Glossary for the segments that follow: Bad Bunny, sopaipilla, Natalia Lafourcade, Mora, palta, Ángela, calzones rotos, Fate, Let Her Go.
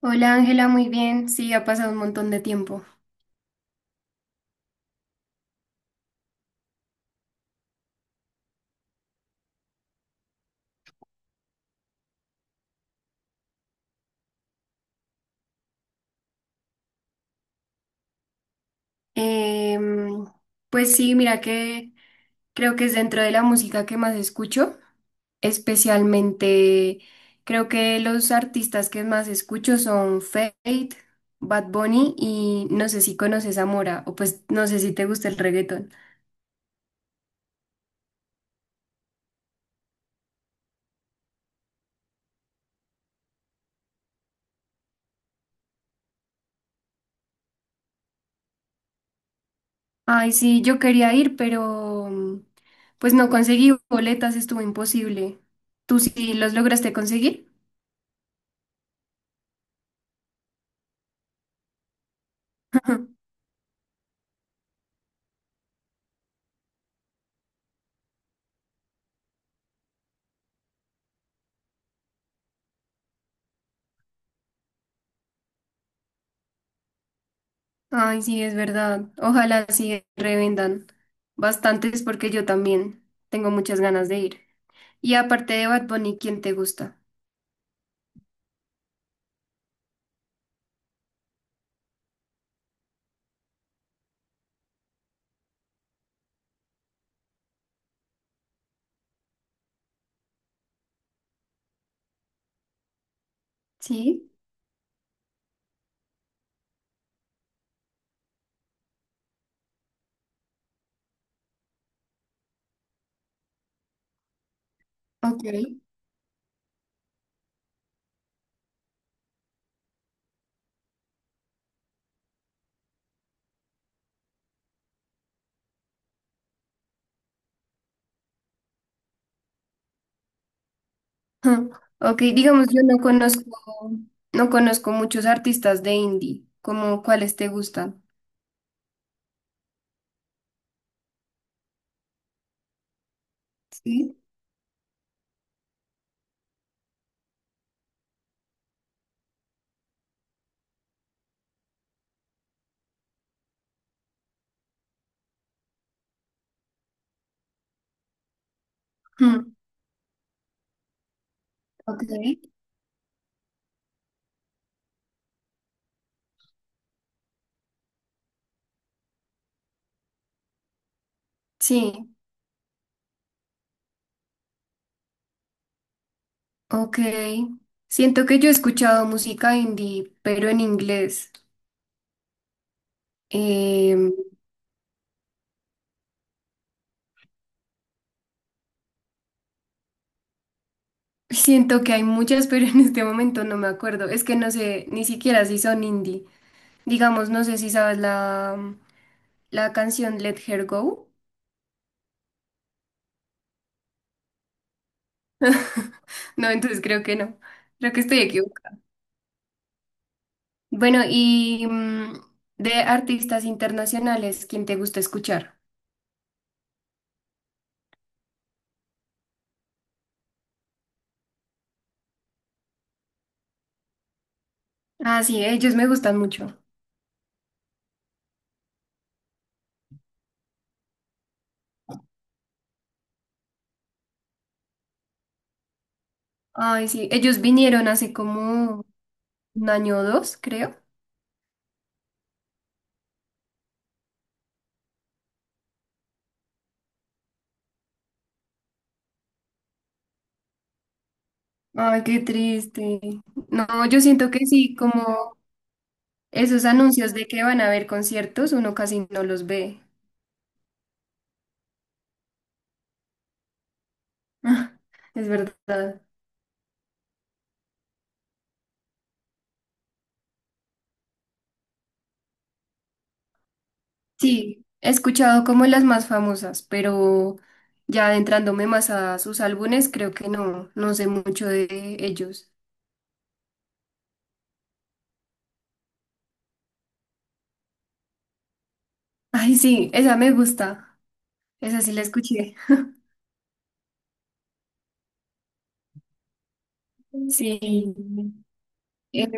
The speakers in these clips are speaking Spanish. Hola Ángela, muy bien. Sí, ha pasado un montón de tiempo. Em, pues sí, mira que creo que es dentro de la música que más escucho, especialmente creo que los artistas que más escucho son Fate, Bad Bunny y no sé si conoces a Mora o pues no sé si te gusta el reggaetón. Ay, sí, yo quería ir, pero pues no conseguí boletas, estuvo imposible. ¿Tú sí los lograste conseguir? Ay, sí, es verdad. Ojalá sí revendan bastantes porque yo también tengo muchas ganas de ir. Y aparte de Bad Bunny, ¿quién te gusta? Sí, ok. Ujú. Ok, digamos, yo no conozco, no conozco muchos artistas de indie. ¿Cómo cuáles te gustan? Sí. Ujú, ok. Sí. Ok. Siento que yo he escuchado música indie, pero en inglés. Em, Siento que hay muchas, pero en este momento no me acuerdo. Es que no sé ni siquiera si son indie. Digamos, no sé si sabes la canción Let Her Go. No, entonces creo que no. Creo que estoy equivocada. Bueno, y de artistas internacionales, ¿quién te gusta escuchar? Ah, sí, ellos me gustan mucho. Ay, sí, ellos vinieron hace como un año o dos, creo. Ay, qué triste. No, yo siento que sí, como esos anuncios de que van a haber conciertos, uno casi no los ve. Es verdad. Sí, he escuchado como las más famosas, pero ya adentrándome más a sus álbumes, creo que no sé mucho de ellos. Ay, sí, esa me gusta. Esa sí la escuché. Sí. Eh,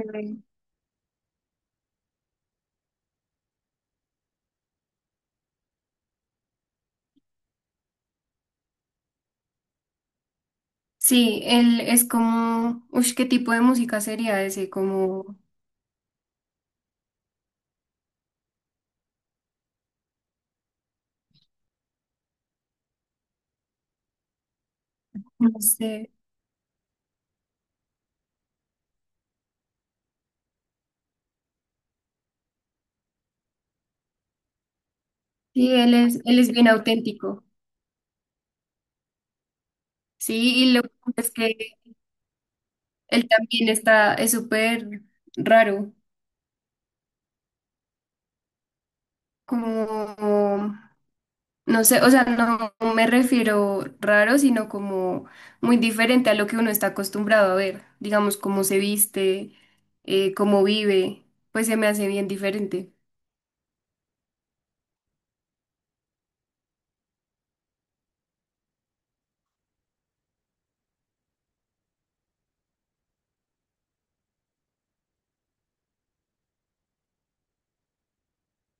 sí, él es como, uy, ¿qué tipo de música sería ese? Como, no sé. Sí, él es bien auténtico. Sí, y lo que es que él también está, es súper raro. Como, no sé, o sea, no me refiero raro, sino como muy diferente a lo que uno está acostumbrado a ver. Digamos, cómo se viste, cómo vive, pues se me hace bien diferente.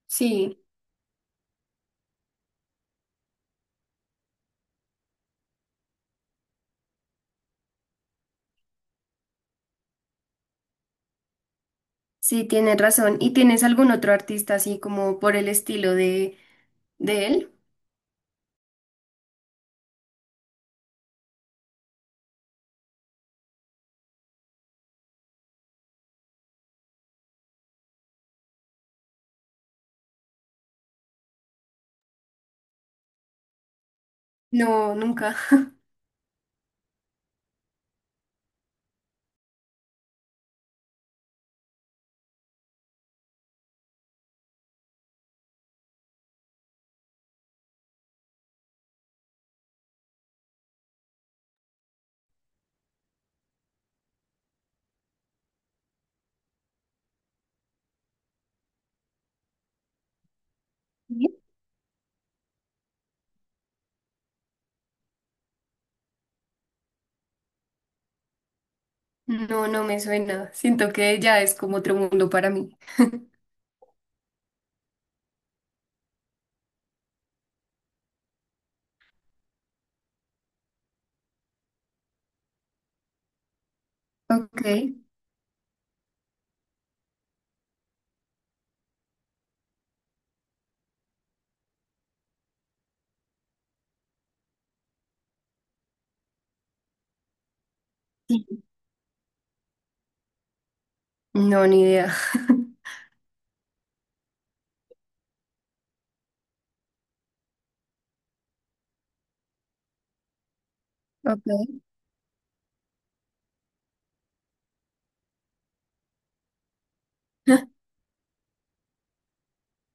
Sí, sí, tienes razón. ¿Y tienes algún otro artista así como por el estilo de él? No, nunca. No, no me suena. Siento que ya es como otro mundo para mí. Ok. Sí. No, ni idea. Ok.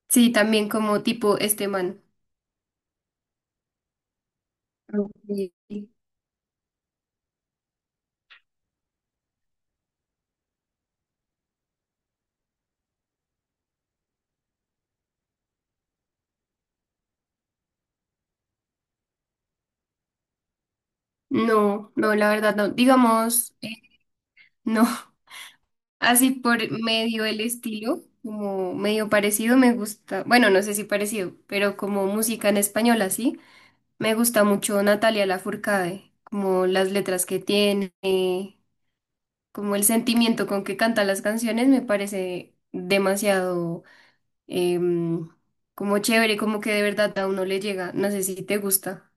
Sí, también como tipo este man. Ok. No, no, la verdad no. Digamos, no. Así por medio el estilo, como medio parecido me gusta. Bueno, no sé si parecido, pero como música en español así, me gusta mucho Natalia Lafourcade, como las letras que tiene, como el sentimiento con que canta las canciones me parece demasiado em, como chévere, como que de verdad a uno le llega. No sé si te gusta.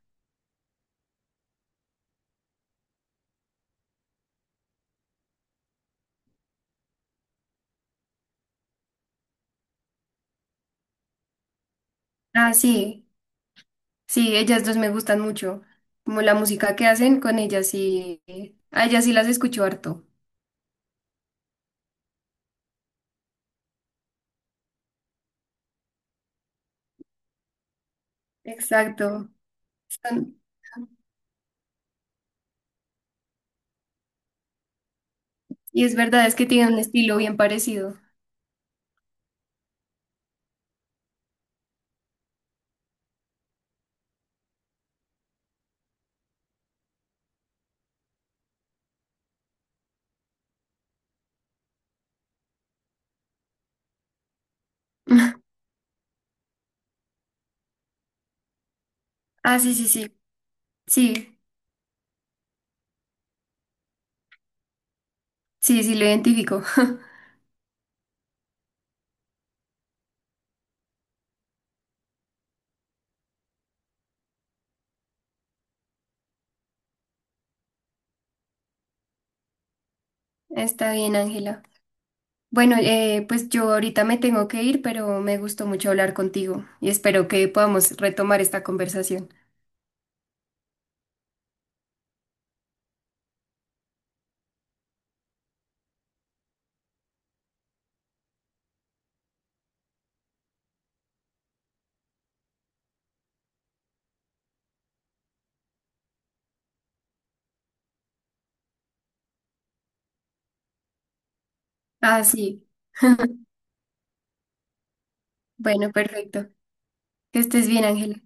Ah, sí, sí, ellas dos me gustan mucho. Como la música que hacen con ellas sí, a ellas sí las escucho harto. Exacto. Son- y es verdad, es que tienen un estilo bien parecido. Ah, sí, sí, sí. Sí, sí, sí, lo identifico. Está bien, Ángela. Bueno, pues yo ahorita me tengo que ir, pero me gustó mucho hablar contigo y espero que podamos retomar esta conversación. Ah, sí. Bueno, perfecto. Que estés bien, Ángela.